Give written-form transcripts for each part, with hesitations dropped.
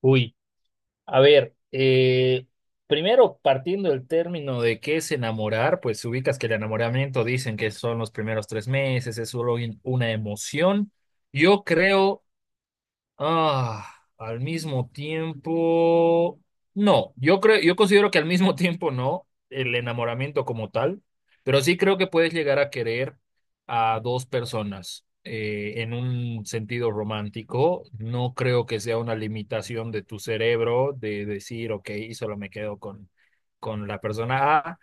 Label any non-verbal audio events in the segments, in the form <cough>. Uy, a ver, primero partiendo del término de qué es enamorar, pues ubicas que el enamoramiento dicen que son los primeros 3 meses, es solo una emoción. Yo creo Al mismo tiempo, no, yo considero que al mismo <laughs> tiempo no, el enamoramiento como tal, pero sí creo que puedes llegar a querer a dos personas en un sentido romántico. No creo que sea una limitación de tu cerebro de decir, ok, solo me quedo con la persona A.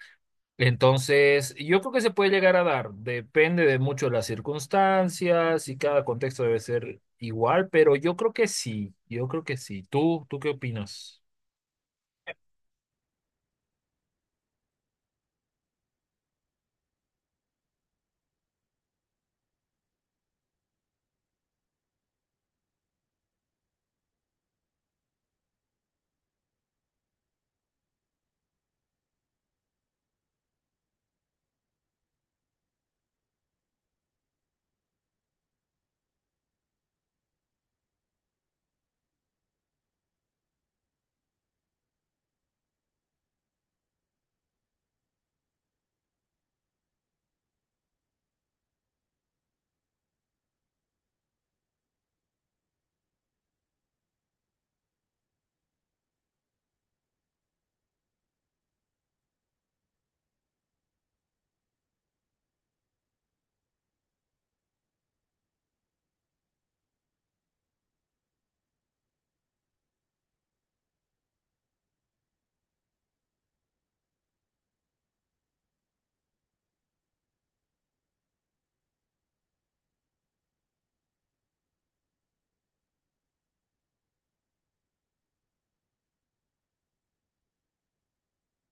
Entonces, yo creo que se puede llegar a dar, depende de mucho de las circunstancias y cada contexto debe ser igual, pero yo creo que sí, yo creo que sí. ¿Tú qué opinas?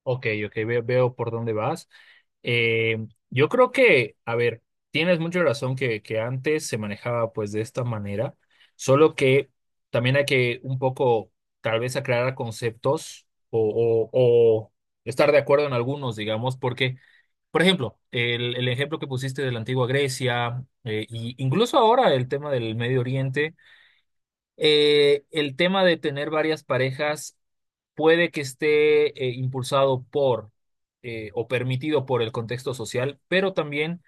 Ok, ok, veo por dónde vas. Yo creo que, a ver, tienes mucha razón que antes se manejaba pues de esta manera, solo que también hay que un poco tal vez aclarar conceptos o estar de acuerdo en algunos, digamos, porque... Por ejemplo, el ejemplo que pusiste de la antigua Grecia, y incluso ahora el tema del Medio Oriente, el tema de tener varias parejas puede que esté impulsado por o permitido por el contexto social, pero también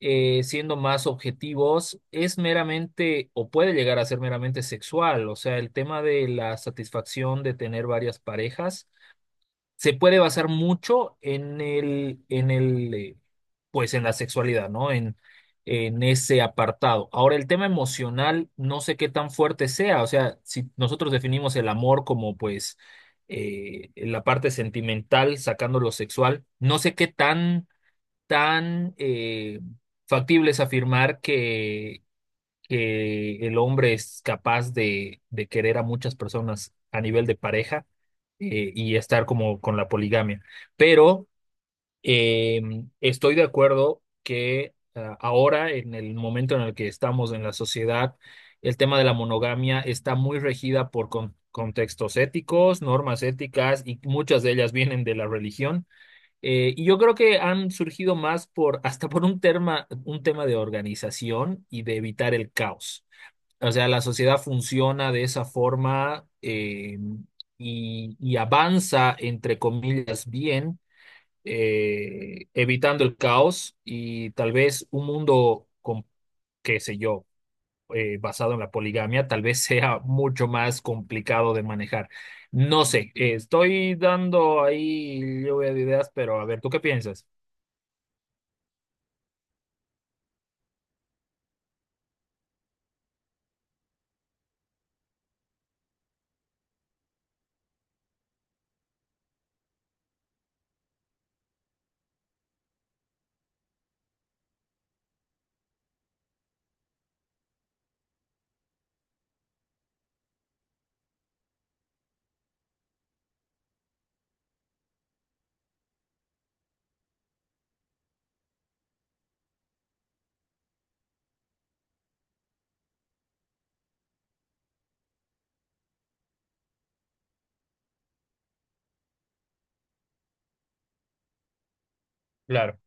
siendo más objetivos, es meramente o puede llegar a ser meramente sexual, o sea, el tema de la satisfacción de tener varias parejas se puede basar mucho en el, pues en la sexualidad, ¿no? En ese apartado. Ahora, el tema emocional, no sé qué tan fuerte sea. O sea, si nosotros definimos el amor como, pues, la parte sentimental, sacando lo sexual, no sé qué tan, tan eh, factible es afirmar que el hombre es capaz de querer a muchas personas a nivel de pareja y estar como con la poligamia. Pero eh, estoy de acuerdo que ahora, en el momento en el que estamos en la sociedad, el tema de la monogamia está muy regida por contextos éticos, normas éticas y muchas de ellas vienen de la religión. Y yo creo que han surgido más por hasta por un tema de organización y de evitar el caos. O sea, la sociedad funciona de esa forma y avanza, entre comillas, bien, evitando el caos y tal vez un mundo con, qué sé yo, basado en la poligamia, tal vez <laughs> sea mucho más complicado de manejar. No sé, estoy dando ahí lluvia de ideas, pero a ver, ¿tú qué piensas? Claro,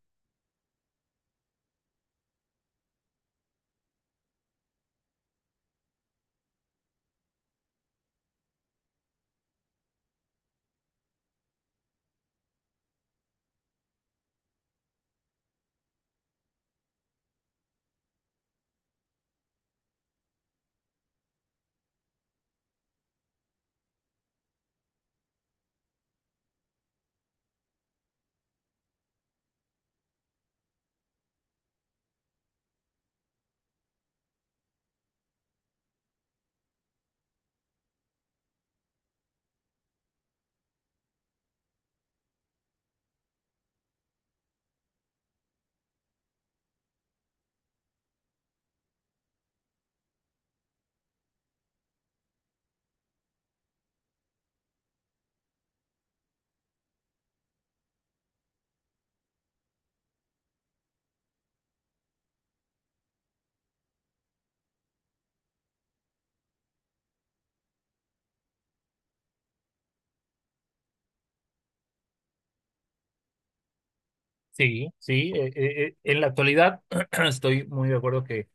sí, sí. En la actualidad <clears throat> estoy muy de acuerdo que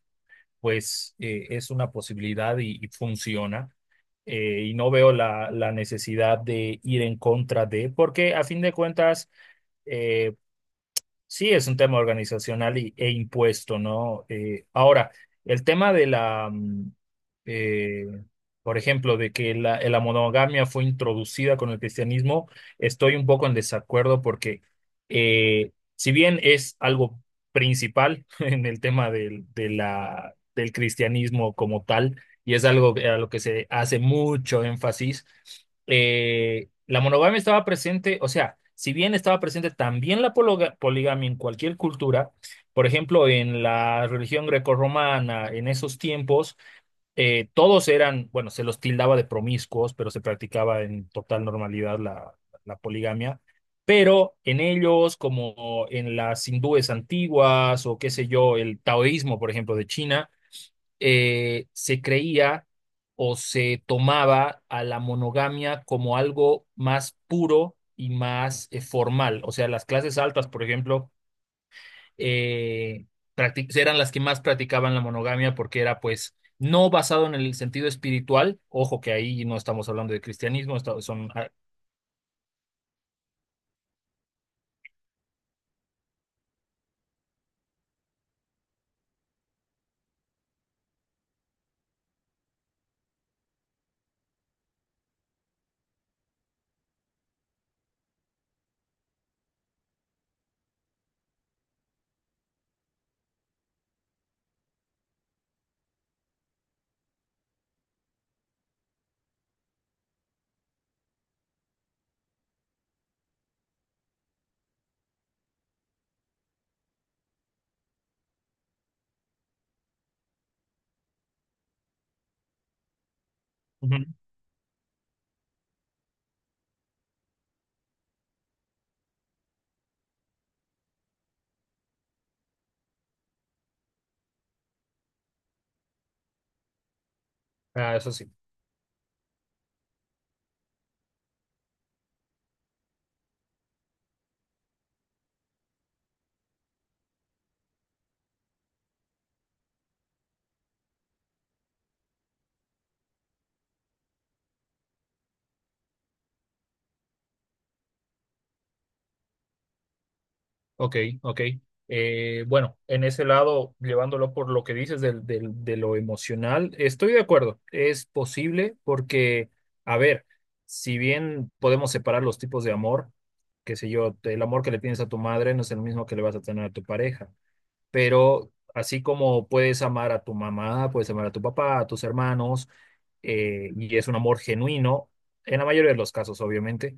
pues es una posibilidad y funciona. Y no veo la necesidad de ir en contra de, porque a fin de cuentas, eh, sí, es un tema organizacional e impuesto, ¿no? Ahora, el tema de la, eh, por ejemplo, de que la monogamia fue introducida con el cristianismo, estoy un poco en desacuerdo porque si bien es algo principal <laughs> en el tema del cristianismo como tal, y es algo a lo que se hace mucho énfasis, la monogamia estaba presente, o sea, si bien estaba presente también la poligamia en cualquier cultura, por ejemplo, en la religión grecorromana, en esos tiempos, todos eran, bueno, se los tildaba de promiscuos, pero se practicaba en total normalidad la, la poligamia. Pero en ellos, como en las hindúes antiguas o qué sé yo, el taoísmo, por ejemplo, de China, se creía o se tomaba a la monogamia como algo más puro y más formal. O sea, las clases altas, por ejemplo, eh, eran las que más practicaban la monogamia porque era pues no basado en el sentido espiritual. Ojo que ahí no estamos hablando de cristianismo, son... ah, ujú, ah, eso sí. Ok, ok. Bueno, en ese lado, llevándolo por lo que dices de lo emocional, estoy de acuerdo. Es posible porque, a ver, si bien podemos separar los tipos de amor, qué sé yo, el amor que le tienes a tu madre no es el mismo que le vas a tener a tu pareja, pero así como puedes amar a tu mamá, puedes amar a tu papá, a tus hermanos, y es un amor genuino, en la mayoría de los casos, obviamente.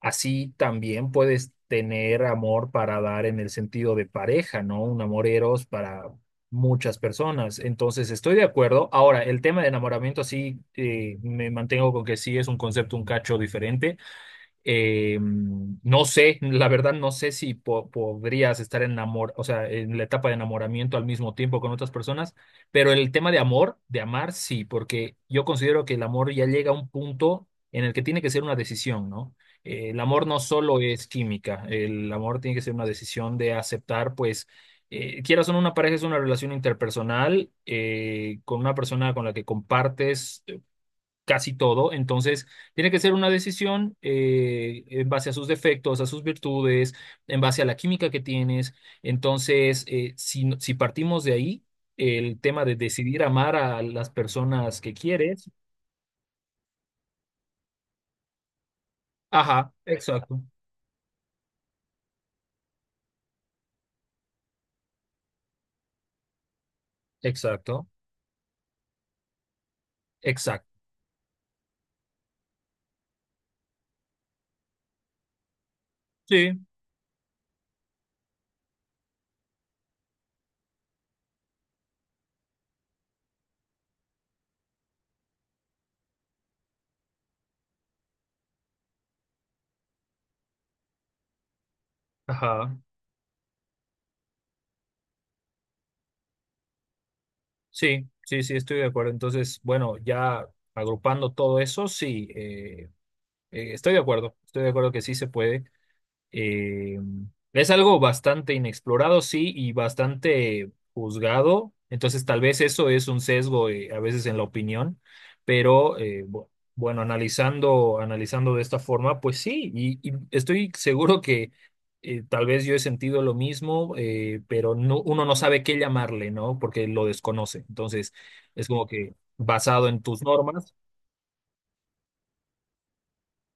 Así también puedes tener amor para dar en el sentido de pareja, ¿no? Un amor eros para muchas personas. Entonces, estoy de acuerdo. Ahora, el tema de enamoramiento, sí, me mantengo con que sí es un concepto un cacho diferente. No sé, la verdad no sé si podrías estar enamor, o sea, en la etapa de enamoramiento al mismo tiempo con otras personas, pero el tema de amor, de amar, sí, porque yo considero que el amor ya llega a un punto en el que tiene que ser una decisión, ¿no? El amor no solo es química, el amor tiene que ser una decisión de aceptar, pues, quieras o no, una pareja es una relación interpersonal con una persona con la que compartes casi todo. Entonces, tiene que ser una decisión en base a sus defectos, a sus virtudes, en base a la química que tienes. Entonces, si partimos de ahí, el tema de decidir amar a las personas que quieres. Ajá, exacto, exacto, exacto. Sí, ajá, sí, sí, sí, estoy de acuerdo. Entonces, bueno, ya agrupando todo eso, sí, estoy de acuerdo que sí se puede. Eh, es algo bastante inexplorado, sí, y bastante juzgado. Entonces, tal vez eso es un sesgo a veces en la opinión, pero bueno, analizando, analizando de esta forma, pues sí, y estoy seguro que tal vez yo he sentido lo mismo, pero no, uno no sabe qué llamarle, ¿no? Porque lo desconoce. Entonces, es como que basado en tus normas.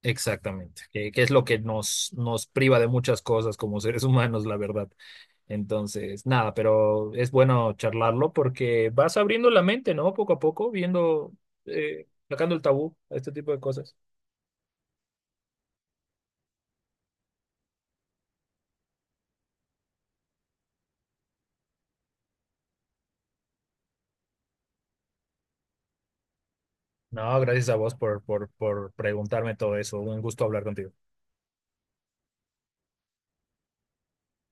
Exactamente, que es lo que nos priva de muchas cosas como seres humanos, la verdad. Entonces, nada, pero es bueno charlarlo porque vas abriendo la mente, ¿no? Poco a poco, viendo, sacando el tabú a este tipo de cosas. No, gracias a vos por preguntarme todo eso. Un gusto hablar contigo.